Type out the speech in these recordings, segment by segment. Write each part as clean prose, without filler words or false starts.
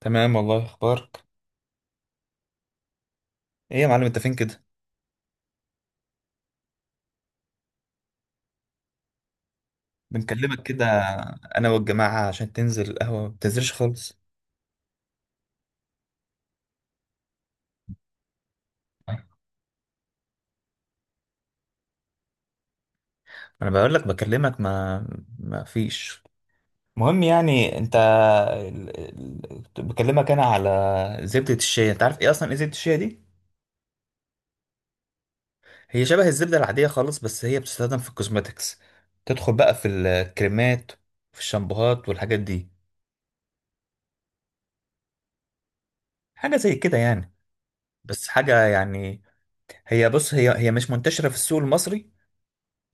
تمام والله اخبارك. ايه يا معلم، انت فين كده؟ بنكلمك كده انا والجماعه عشان تنزل القهوه ما بتنزلش خالص. انا بقول لك بكلمك، ما فيش. المهم يعني انت كنت بكلمك انا على زبده الشيا. انت عارف ايه اصلا ايه زبده الشيا دي؟ هي شبه الزبده العاديه خالص، بس هي بتستخدم في الكوزماتكس. تدخل بقى في الكريمات، في الشامبوهات والحاجات دي. حاجه زي كده يعني. بس حاجه يعني. هي، بص، هي مش منتشره في السوق المصري.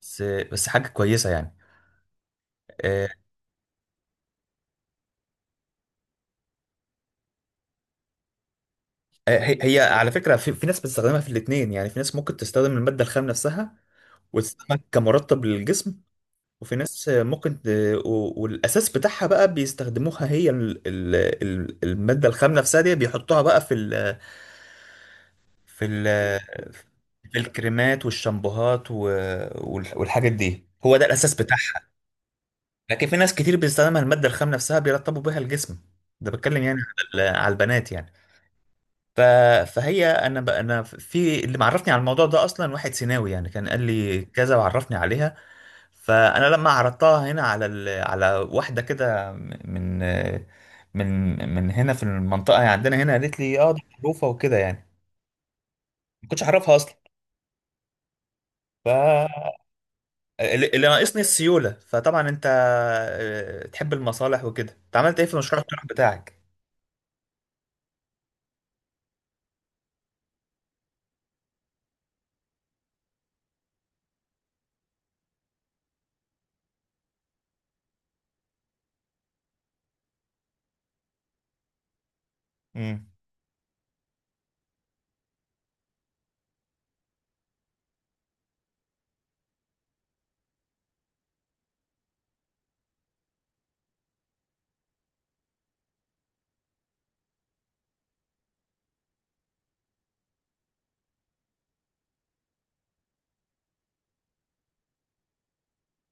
بس حاجة كويسة يعني. آه، هي على فكرة في ناس بتستخدمها في الاتنين. يعني في ناس ممكن تستخدم المادة الخام نفسها وتستخدمها كمرطب للجسم. وفي ناس ممكن والأساس بتاعها بقى بيستخدموها، هي المادة الخام نفسها دي بيحطوها بقى في ال في الكريمات والشامبوهات والحاجات دي هو ده الأساس بتاعها. لكن في ناس كتير بيستخدمها المادة الخام نفسها بيرطبوا بيها الجسم. ده بتكلم يعني على على البنات يعني. ف... فهي انا انا في اللي معرفني على الموضوع ده اصلا واحد سيناوي يعني، كان قال لي كذا وعرفني عليها. فانا لما عرضتها هنا على على واحده كده من هنا في المنطقه يعني عندنا هنا، قالت لي اه دي معروفه وكده يعني. ما كنتش اعرفها اصلا. ف اللي ناقصني السيوله. فطبعا انت تحب المصالح وكده، انت عملت ايه في مشروع الطرح بتاعك؟ امم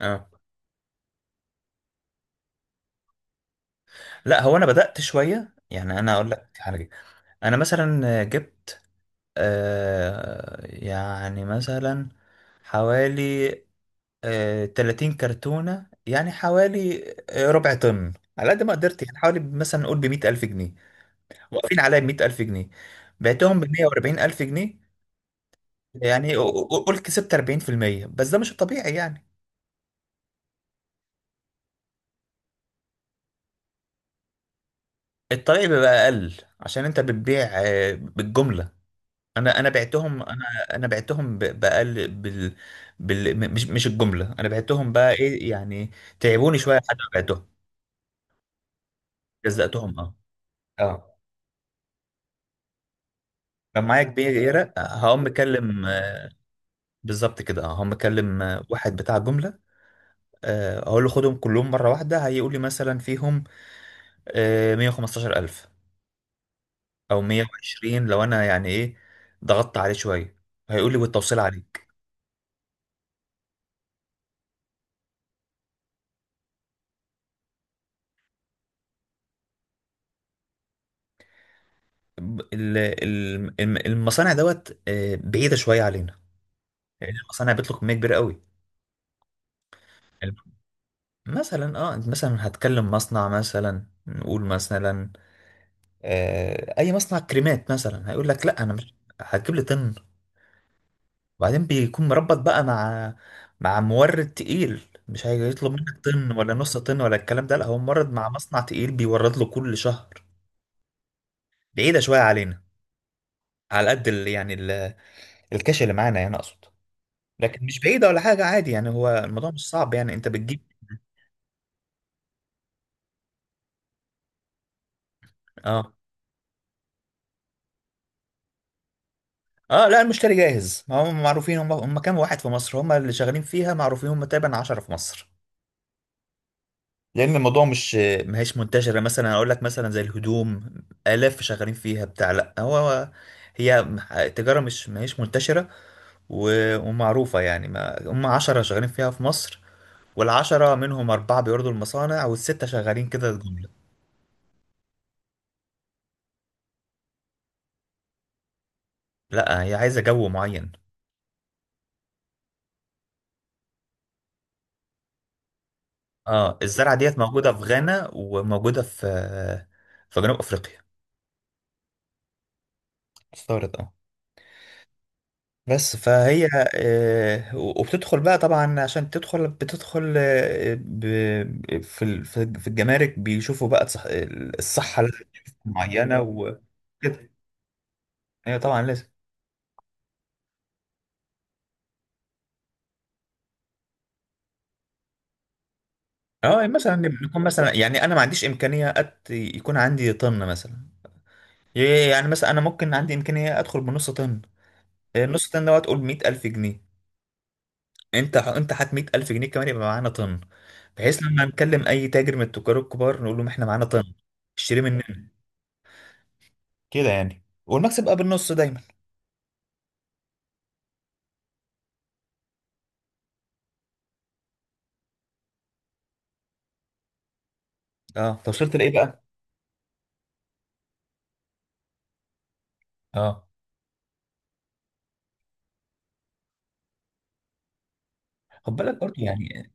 اه، لا هو انا بدات شويه يعني. انا اقول لك على حاجه. انا مثلا جبت، يعني مثلا حوالي، 30 كرتونة، يعني حوالي ربع طن على قد ما قدرت. يعني حوالي مثلا نقول ب100000 جنيه. واقفين عليا ب100000 جنيه. بعتهم ب140000 جنيه. يعني قول كسبت 40%، بس ده مش الطبيعي يعني. الطبيعي بيبقى أقل عشان أنت بتبيع بالجملة. انا بعتهم. انا بعتهم بأقل مش الجمله، انا بعتهم بقى ايه يعني. تعبوني شويه لحد ما بعتهم. جزأتهم، اه اه. كان معايا كبيره هقوم مكلم، بالظبط كده. اه هقوم مكلم واحد بتاع جمله. اقول له خدهم كلهم مره واحده، هيقول لي مثلا فيهم 115000 او 120. لو انا يعني ايه ضغطت عليه شويه هيقول لي والتوصيل عليك. ب- ال- المصانع دوت بعيده شويه علينا لأن المصانع بيطلق كمية كبيرة قوي. الم- مثلا اه انت مثلا هتكلم مصنع، مثلا نقول مثلا اي مصنع كريمات، مثلا هيقول لك لا انا مش هتجيب لي طن. وبعدين بيكون مربط بقى مع مورد تقيل. مش هيطلب منك طن ولا نص طن ولا الكلام ده، لا هو مورد مع مصنع تقيل بيورد له كل شهر. بعيدة شوية علينا على قد ال يعني ال الكاش اللي معانا، يعني اقصد. لكن مش بعيدة ولا حاجة، عادي يعني هو الموضوع مش صعب يعني انت بتجيب. اه اه، لا المشتري جاهز، هم معروفين. هم كام واحد في مصر هم اللي شغالين فيها، معروفين، هم تقريبا 10 في مصر. لان الموضوع مش، ما هيش منتشره. مثلا اقول لك مثلا زي الهدوم، الاف شغالين فيها بتاع، لا هو هي تجاره مش، ما هيش منتشره ومعروفه يعني. ما هم 10 شغالين فيها في مصر، والعشرة منهم أربعة بيوردوا المصانع والستة شغالين كده الجملة. لا هي عايزة جو معين. اه الزرعة ديت موجودة في غانا وموجودة في جنوب أفريقيا. استغرب اه. بس فهي وبتدخل بقى طبعا. عشان تدخل بتدخل في في الجمارك بيشوفوا بقى الصحة معينة وكده. هي طبعا لازم. اه يعني مثلا نكون مثلا. يعني انا ما عنديش امكانية يكون عندي طن مثلا. يعني مثلا انا ممكن عندي امكانية ادخل بنص طن. النص طن ده تقول 100000 جنيه. انت هات 100000 جنيه كمان يبقى معانا طن، بحيث لما نكلم اي تاجر من التجار الكبار نقول لهم احنا معانا طن اشتري مننا. كده يعني والمكسب بقى بالنص دايما. اه انت وصلت لايه بقى؟ اه خد بالك برضه يعني.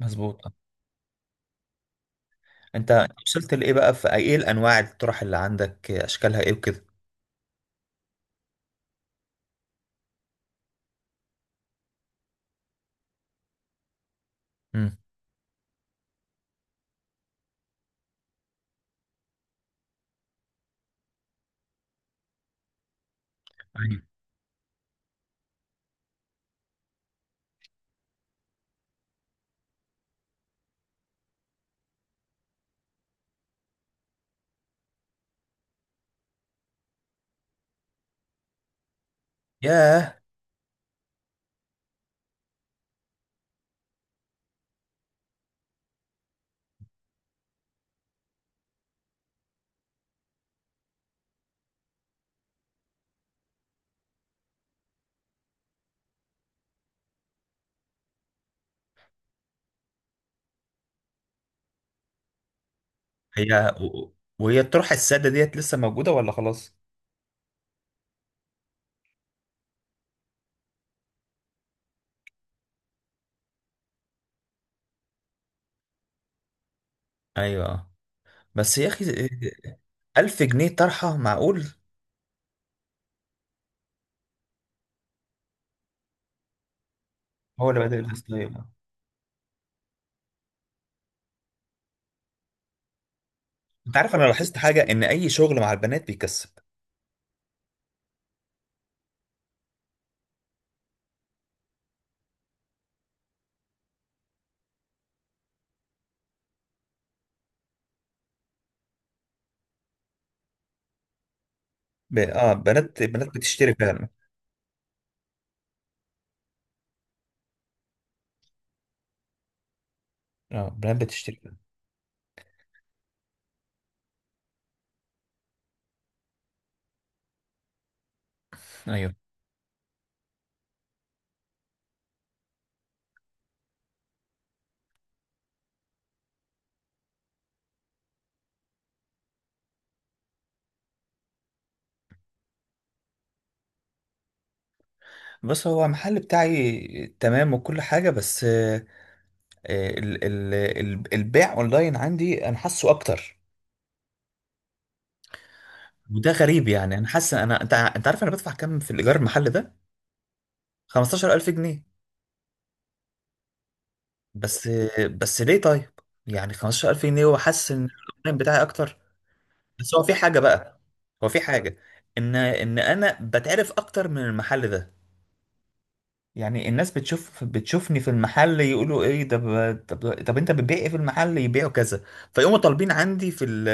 مظبوط. آه. انت وصلت لايه بقى، في ايه الانواع الطرح اللي عندك، اشكالها ايه وكده؟ امم. مم. ياه. هي و- وهي الطرحه الساده ديت لسه موجوده ولا خلاص؟ ايوه. آه. بس يا اخي، 1000 جنيه طرحة معقول؟ هو اللي بدأ الستايل. انت عارف انا لاحظت حاجه، ان اي شغل مع البنات بيكسب. اه بنات، بنات بتشتري فعلا. اه بنات بتشتري فعلا. ايوه. بص هو المحل بتاعي تمام وكل حاجة، بس ال ال ال البيع اونلاين عندي انا حاسه اكتر. وده غريب يعني. انا حاسس انا، انت عارف انا بدفع كام في الايجار المحل ده؟ 15000 جنيه. بس بس ليه طيب؟ يعني 15000 جنيه وحاسس ان الاونلاين بتاعي اكتر. بس هو في حاجة بقى. هو في حاجة، ان ان انا بتعرف اكتر من المحل ده. يعني الناس بتشوفني في المحل يقولوا ايه ده. طب انت بتبيع ايه في المحل، يبيعوا كذا. فيقوموا طالبين عندي في ال،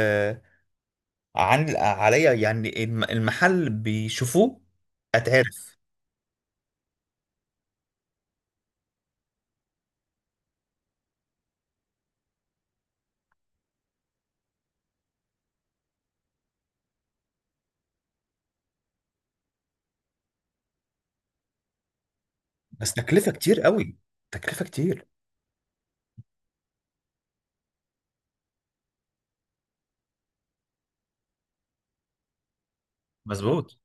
عن عليا يعني المحل بيشوفوه. اتعرف. بس تكلفة كتير قوي. تكلفة كتير. مظبوط.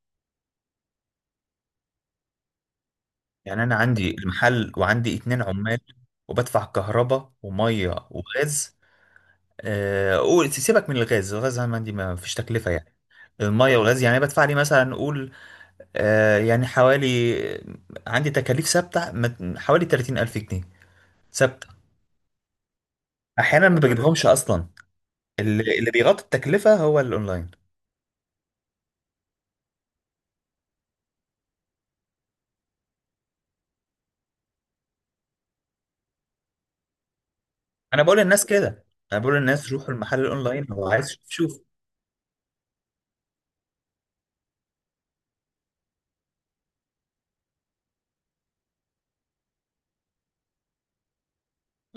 يعني انا عندي المحل وعندي اتنين عمال، وبدفع كهرباء وميه وغاز. قول سيبك من الغاز. الغاز عندي ما فيش تكلفة يعني. الميه والغاز يعني بدفع لي مثلا قول، يعني حوالي، عندي تكاليف ثابتة حوالي 30000 جنيه ثابتة. أحيانا ما بجيبهمش أصلا. اللي بيغطي التكلفة هو الأونلاين. أنا بقول للناس كده. أنا بقول للناس روحوا المحل، الأونلاين هو عايز يشوف شوف.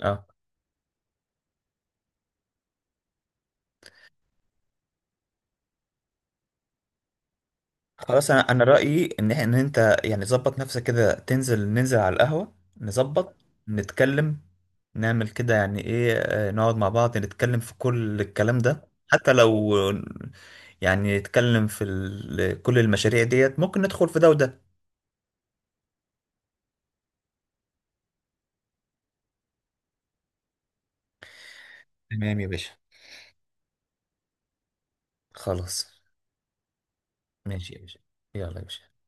آه. خلاص انا رايي ان ان انت يعني ظبط نفسك كده تنزل، ننزل على القهوه نظبط، نتكلم، نعمل كده يعني ايه، نقعد مع بعض نتكلم في كل الكلام ده. حتى لو يعني نتكلم في كل المشاريع ديت، ممكن ندخل في ده وده. تمام يا باشا. خلاص. ماشي يا باشا. يلا يا باشا.